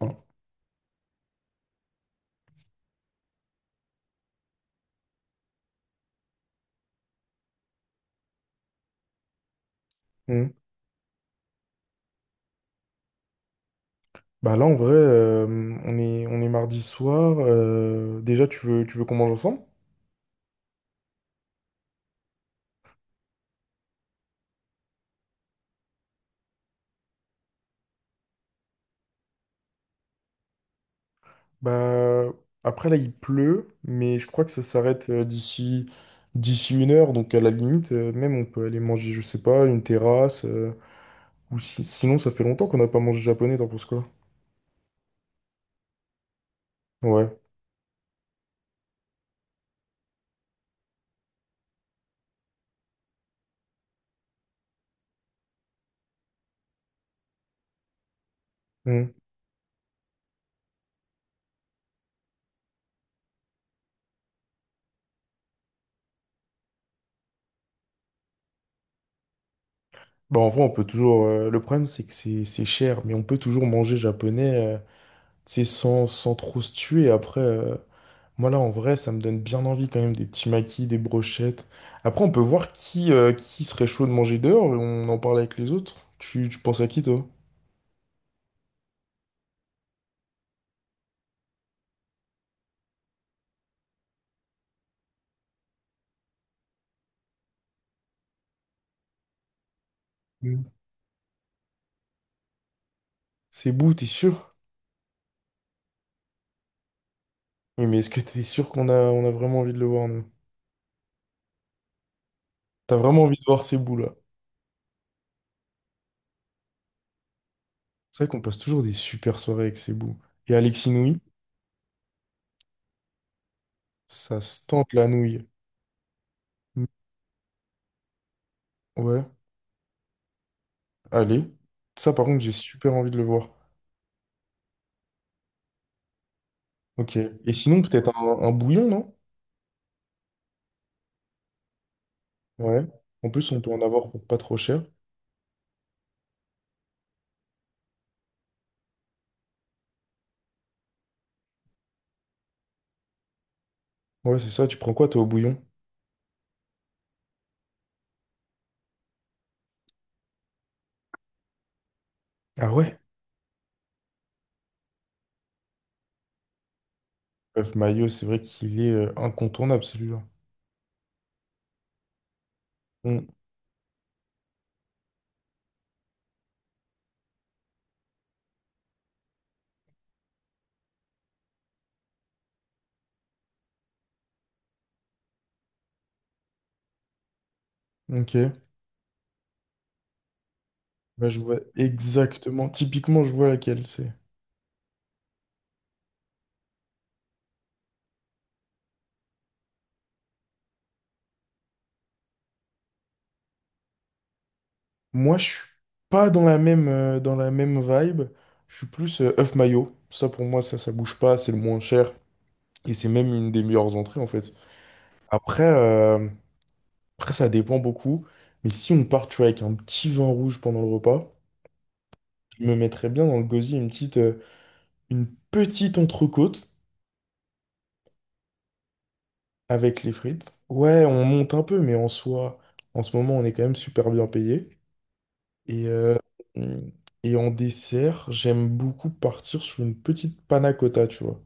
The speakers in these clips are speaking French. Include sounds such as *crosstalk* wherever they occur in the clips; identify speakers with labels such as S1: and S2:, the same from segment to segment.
S1: Voilà. Mm. Là, en vrai, on est mardi soir. Déjà, tu veux qu'on mange ensemble? Bah, après, là, il pleut, mais je crois que ça s'arrête d'ici, d'ici une heure. Donc, à la limite, même, on peut aller manger, je sais pas, une terrasse. Ou si- Sinon, ça fait longtemps qu'on n'a pas mangé japonais, t'en penses quoi? Ouais. Mm. Bah, en vrai, on peut toujours. Le problème, c'est que c'est cher, mais on peut toujours manger japonais, tu sais, sans, sans trop se tuer. Après. Moi là en vrai ça me donne bien envie quand même des petits maquis, des brochettes. Après on peut voir qui serait chaud de manger dehors et on en parle avec les autres. Tu penses à qui toi? Mm. Sebou, t'es sûr? Oui mais est-ce que t'es sûr qu'on a, on a vraiment envie de le voir nous? T'as vraiment envie de voir Sebou là? C'est vrai qu'on passe toujours des super soirées avec Sebou. Et Alexis Nouilh, ça se tente la nouille. Mm. Ouais, allez. Ça par contre j'ai super envie de le voir. Ok. Et sinon peut-être un bouillon non? Ouais. En plus on peut en avoir pour pas trop cher. Ouais, c'est ça. Tu prends quoi, toi, au bouillon? Ah ouais? Bref, mayo c'est vrai qu'il est incontournable, celui-là. Hmm. Ok. Bah, je vois exactement. Typiquement, je vois laquelle c'est. Moi, je suis pas dans la même, dans la même vibe. Je suis plus œuf mayo. Ça, pour moi, ça bouge pas. C'est le moins cher. Et c'est même une des meilleures entrées, en fait. Après, ça dépend beaucoup. Mais si on part, tu vois, avec un petit vin rouge pendant le repas, je me mettrais bien dans le gosier une petite entrecôte. Avec les frites. Ouais, on monte un peu, mais en soi, en ce moment, on est quand même super bien payé. Et, euh, et en dessert, j'aime beaucoup partir sur une petite panna cotta, tu vois.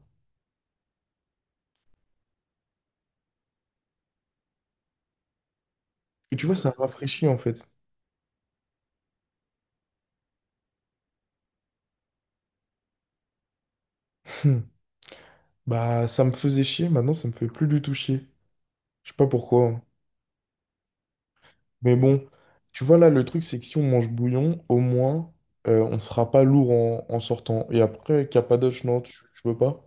S1: Et tu vois, ça rafraîchit en fait. *laughs* Hmm. Bah, ça me faisait chier, maintenant, ça me fait plus du tout chier. Je sais pas pourquoi, hein. Mais bon, tu vois, là, le truc, c'est que si on mange bouillon, au moins, on sera pas lourd en, en sortant. Et après, capadoche, non, tu veux pas?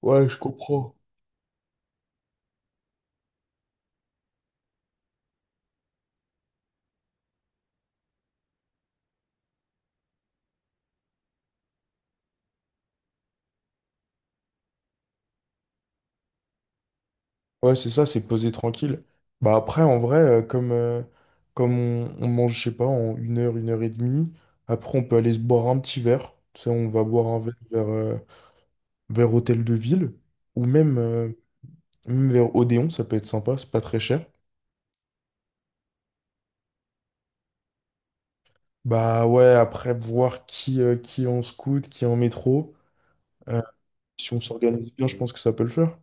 S1: Ouais, je comprends. Ouais, c'est ça, c'est poser tranquille. Bah après, en vrai, comme on mange, je sais pas, en une heure et demie, après on peut aller se boire un petit verre. Tu sais, on va boire un verre vers, vers Hôtel de Ville ou même, même vers Odéon, ça peut être sympa, c'est pas très cher. Bah ouais, après voir qui est en scoot, qui est en métro. euh, si on s'organise bien, je pense que ça peut le faire.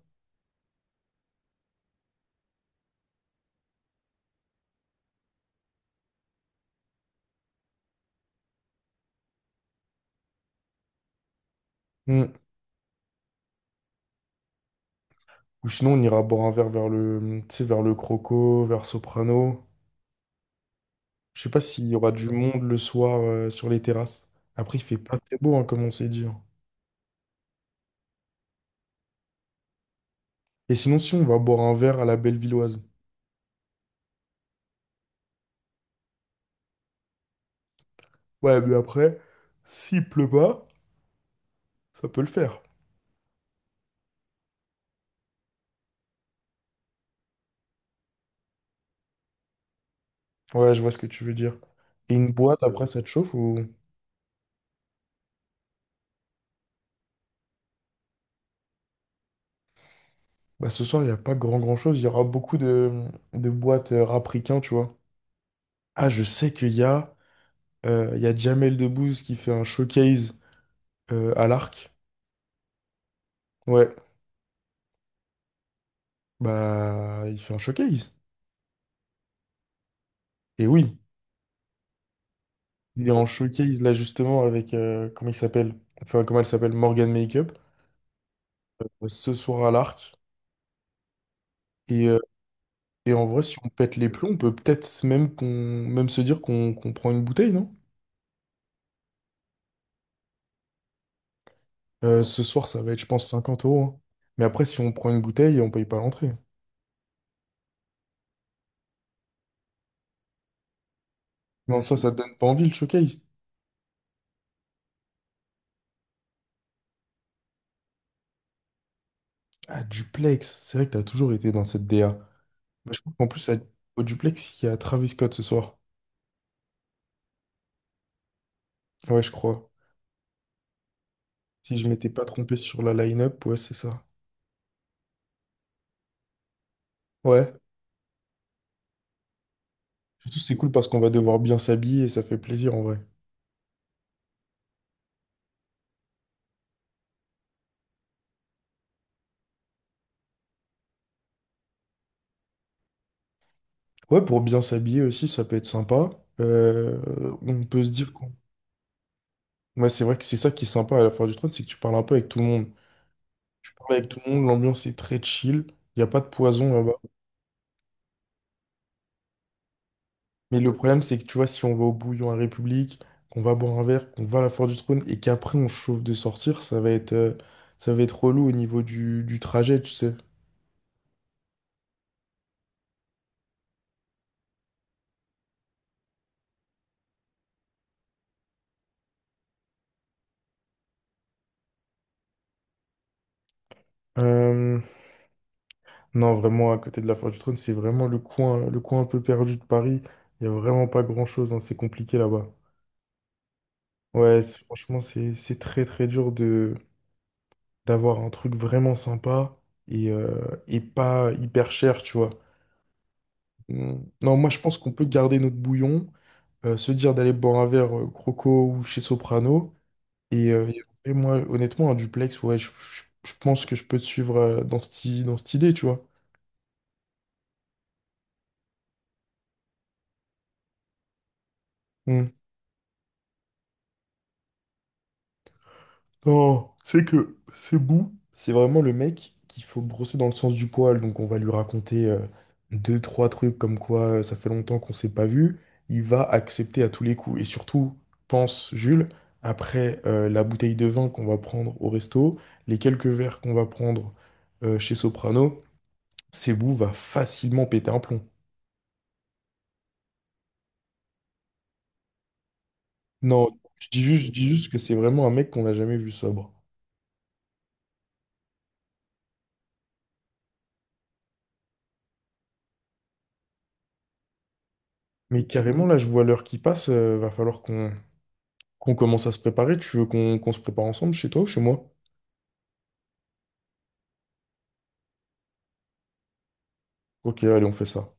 S1: Mm. Ou sinon, on ira boire un verre vers le, tu sais, vers le Croco, vers Soprano. Je sais pas s'il y aura du monde le soir sur les terrasses. Après, il fait pas très beau, hein, comme on s'est dit, hein. Et sinon, si on va boire un verre à la Bellevilloise. Ouais, mais après, s'il pleut pas, ça peut le faire. Ouais, je vois ce que tu veux dire. Et une boîte, après, ça te chauffe ou... Bah, ce soir, il n'y a pas grand chose. Il y aura beaucoup de boîtes rap ricain, tu vois. Ah, je sais qu'il y a, il y a Jamel Debbouze qui fait un showcase à l'Arc. Ouais, bah, il fait un showcase. Et oui. Il est en showcase là justement avec, comment il s'appelle? Enfin, comment elle s'appelle? Morgan Makeup, ce soir à l'Arc. Et, euh, et en vrai, si on pète les plombs, on peut peut-être même se dire qu'on prend une bouteille, non? Ce soir, ça va être, je pense, 50 euros, hein. Mais après, si on prend une bouteille, on paye pas l'entrée. Mais en soi, ça te donne pas envie le showcase. Ah, Duplex, c'est vrai que t'as toujours été dans cette DA. Bah, je crois qu'en plus, au Duplex, il y a Travis Scott ce soir. Ouais, je crois. Si je m'étais pas trompé sur la line-up, ouais, c'est ça. Ouais. Surtout, c'est cool parce qu'on va devoir bien s'habiller et ça fait plaisir en vrai. Ouais, pour bien s'habiller aussi, ça peut être sympa. Euh, on peut se dire qu'on... Ouais, c'est vrai que c'est ça qui est sympa à la foire du trône, c'est que tu parles un peu avec tout le monde. Tu parles avec tout le monde, l'ambiance est très chill, il n'y a pas de poison là-bas. Mais le problème, c'est que tu vois, si on va au Bouillon à République, qu'on va boire un verre, qu'on va à la foire du trône et qu'après on se chauffe de sortir, ça va être relou au niveau du trajet, tu sais. Euh, Non, vraiment, à côté de la Forge du Trône, c'est vraiment le coin un peu perdu de Paris. Il n'y a vraiment pas grand-chose, hein, c'est compliqué là-bas. Ouais, franchement, c'est très très dur de d'avoir un truc vraiment sympa et pas hyper cher, tu vois. Mm. Non, moi je pense qu'on peut garder notre bouillon, se dire d'aller boire un verre Croco ou chez Soprano. Et, euh, et moi, honnêtement, un duplex, ouais, je pense que je peux te suivre dans cette, dans cette idée, tu vois. Mm. Non, c'est que c'est Sebou, c'est vraiment le mec qu'il faut brosser dans le sens du poil. Donc on va lui raconter deux, trois trucs comme quoi ça fait longtemps qu'on s'est pas vu. Il va accepter à tous les coups. Et surtout, pense Jules, après la bouteille de vin qu'on va prendre au resto, les quelques verres qu'on va prendre chez Soprano, Sebou va facilement péter un plomb. Non, je dis juste que c'est vraiment un mec qu'on n'a jamais vu sobre. Mais carrément, là, je vois l'heure qui passe, va falloir qu'on commence à se préparer. Tu veux qu'on se prépare ensemble chez toi ou chez moi? Ok, allez, on fait ça.